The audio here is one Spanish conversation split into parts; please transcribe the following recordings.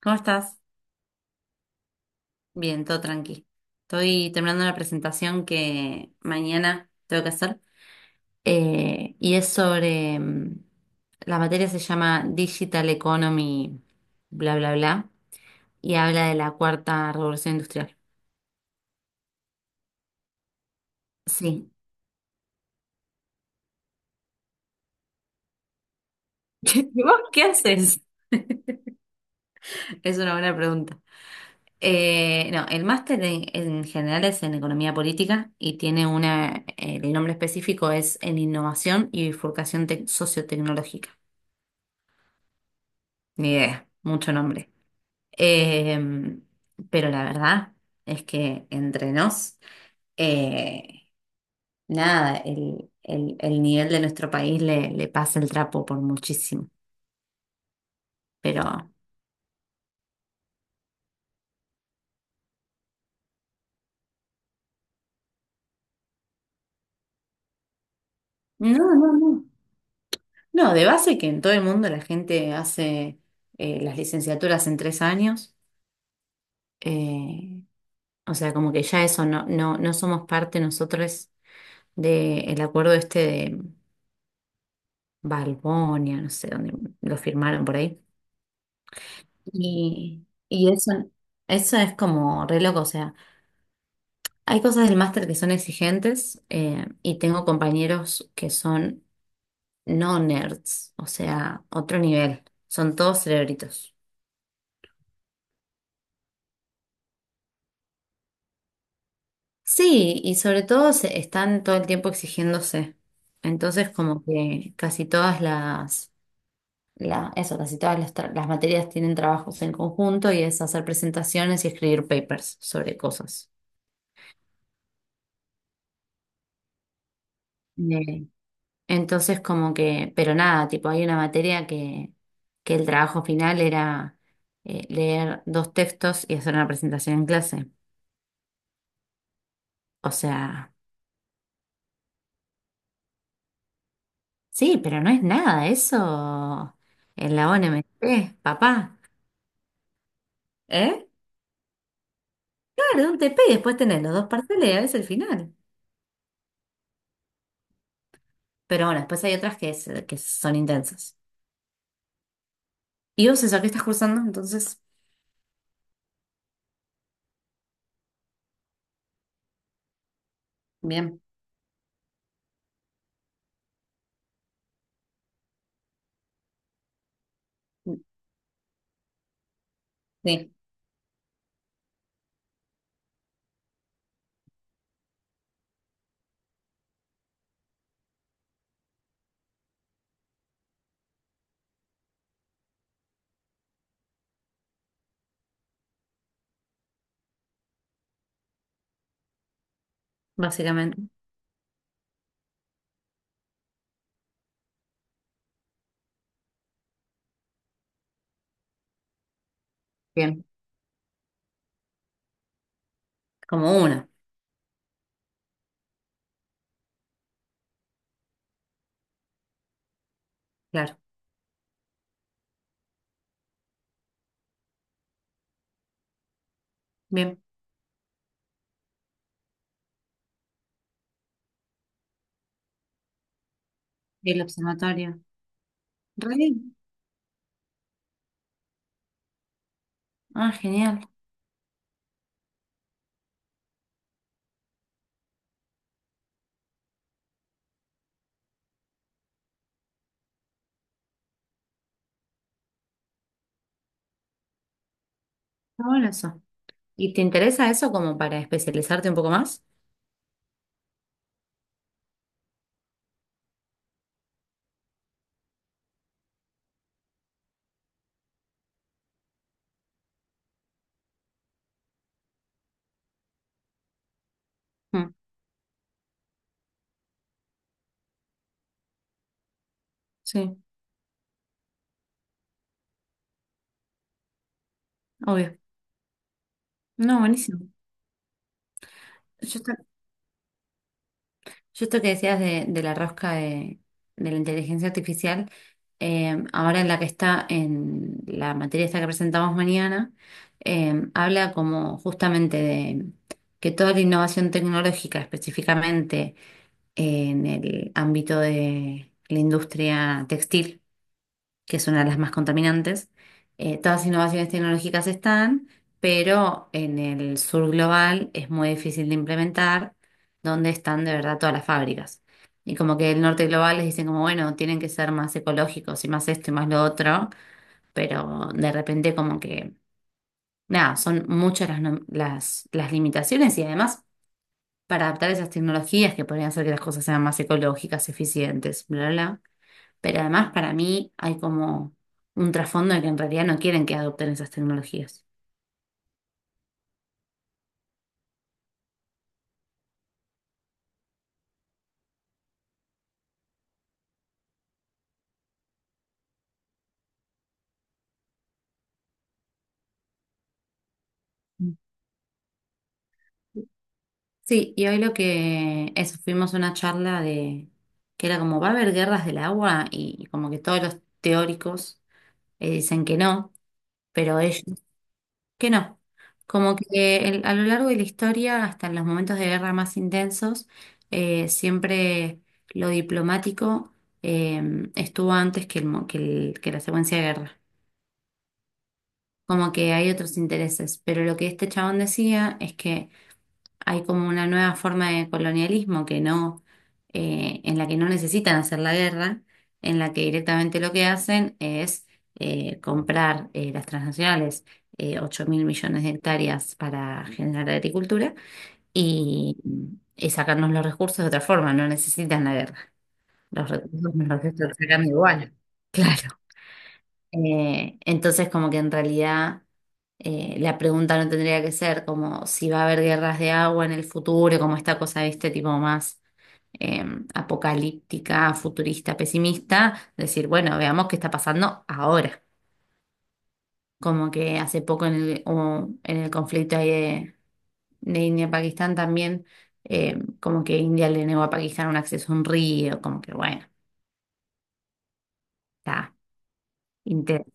¿Cómo estás? Bien, todo tranqui. Estoy terminando una presentación que mañana tengo que hacer, y es sobre, la materia se llama Digital Economy, bla, bla, bla, y habla de la cuarta revolución industrial. Sí. ¿Y vos qué haces? Es una buena pregunta. No, el máster en general es en economía política y tiene el nombre específico es en innovación y bifurcación sociotecnológica. Ni idea, mucho nombre. Eh, pero la verdad es que entre nos, eh, nada, el nivel de nuestro país le pasa el trapo por muchísimo. Pero no, no, no. No, de base que en todo el mundo la gente hace, las licenciaturas en 3 años. eh, o sea, como que ya eso no somos parte nosotros del acuerdo este de Balbonia, no sé dónde lo firmaron por ahí. Y eso, es como re loco. O sea, hay cosas del máster que son exigentes, y tengo compañeros que son no nerds, o sea, otro nivel, son todos cerebritos. Sí, y sobre todo están todo el tiempo exigiéndose. Entonces, como que casi todas las, la, eso, casi todas las, tra- las materias tienen trabajos en conjunto y es hacer presentaciones y escribir papers sobre cosas. Entonces, como que, pero nada, tipo, hay una materia que el trabajo final era, leer dos textos y hacer una presentación en clase. O sea, sí, pero no es nada eso en la ONMT, papá. ¿Eh? Claro, un TP y después tenés los dos parciales y a veces el final. Pero bueno, después hay otras que son intensas. ¿Y vos eso, qué estás cursando? Entonces, bien. Sí, básicamente. Bien. Como una, claro. Bien. Y el observatorio. Re bien. Ah, genial. Está bueno eso. ¿Y te interesa eso como para especializarte un poco más? Mm, sí, obvio. No, buenísimo. Yo esto, yo esto que decías de, la rosca de la inteligencia artificial. Ahora en la que está en la materia esta que presentamos mañana, habla como justamente de que toda la innovación tecnológica, específicamente en el ámbito de la industria textil, que es una de las más contaminantes. Todas las innovaciones tecnológicas están, pero en el sur global es muy difícil de implementar, donde están de verdad todas las fábricas. Y como que el norte global les dicen como, bueno, tienen que ser más ecológicos y más esto y más lo otro, pero de repente como que, nada, son muchas las, no- las limitaciones. Y además, para adaptar esas tecnologías que podrían hacer que las cosas sean más ecológicas, eficientes, bla, bla, bla, pero además para mí hay como un trasfondo de que en realidad no quieren que adopten esas tecnologías. Sí, y hoy lo que eso, fuimos a una charla de que era como va a haber guerras del agua, y como que todos los teóricos, dicen que no, pero ellos que no. Como que a lo largo de la historia, hasta en los momentos de guerra más intensos, siempre lo diplomático, estuvo antes que, el, mo- que el- que la secuencia de guerra. Como que hay otros intereses. Pero lo que este chabón decía es que hay como una nueva forma de colonialismo que no, en la que no necesitan hacer la guerra, en la que directamente lo que hacen es, comprar, las transnacionales. Ocho mil millones de hectáreas para generar agricultura, y, y sacarnos los recursos de otra forma, no necesitan la guerra. Los recursos nos los están sacando igual. Claro. Entonces, como que en realidad, la pregunta no tendría que ser como si va a haber guerras de agua en el futuro, como esta cosa, viste, tipo más, eh, apocalíptica, futurista, pesimista, decir, bueno, veamos qué está pasando ahora. Como que hace poco en el, o en el conflicto ahí de, India-Pakistán también, como que India le negó a Pakistán un acceso a un río, como que bueno, está interesante.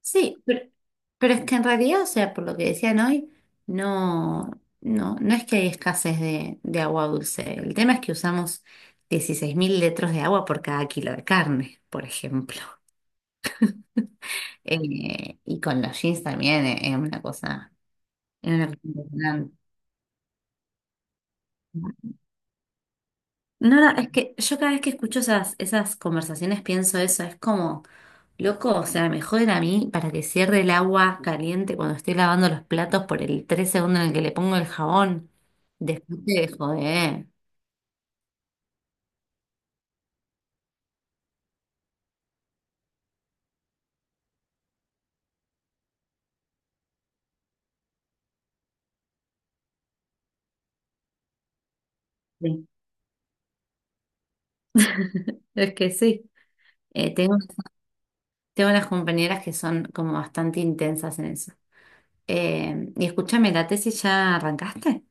Sí, pero es que en realidad, o sea, por lo que decían hoy, no, no es que hay escasez de, agua dulce. El tema es que usamos 16.000 litros de agua por cada kilo de carne, por ejemplo. Y con los jeans también, es una cosa impresionante. No, no, es que yo cada vez que escucho esas conversaciones pienso eso, es como, loco, o sea, me joden a mí para que cierre el agua caliente cuando estoy lavando los platos por el 3 segundos en el que le pongo el jabón. Después te joder. Sí. Es que sí. Eh, tengo, tengo unas compañeras que son como bastante intensas en eso. Y escúchame, ¿la tesis ya arrancaste?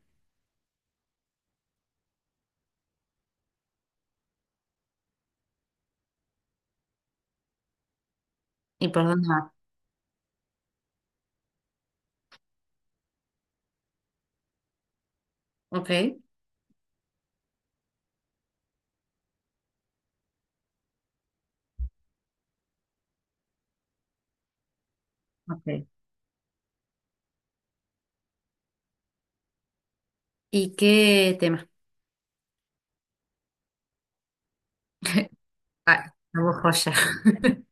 ¿Y por dónde va? Ok. Ok. ¿Y qué tema? Ah, la joya.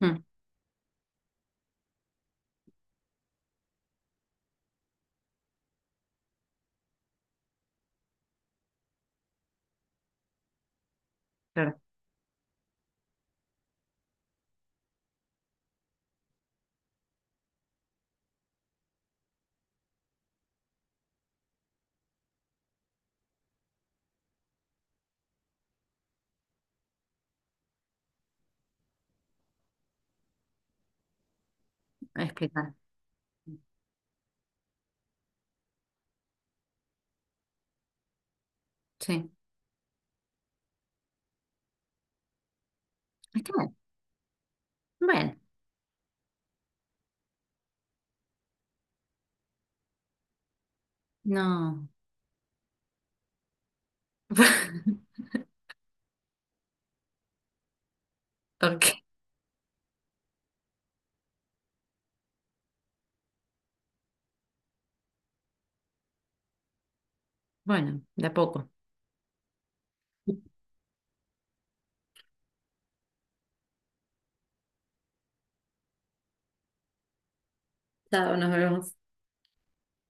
Mm, claro, explicar. Sí. Está bien. Bueno, no. Ok, bueno, de a poco. Chao, nos vemos.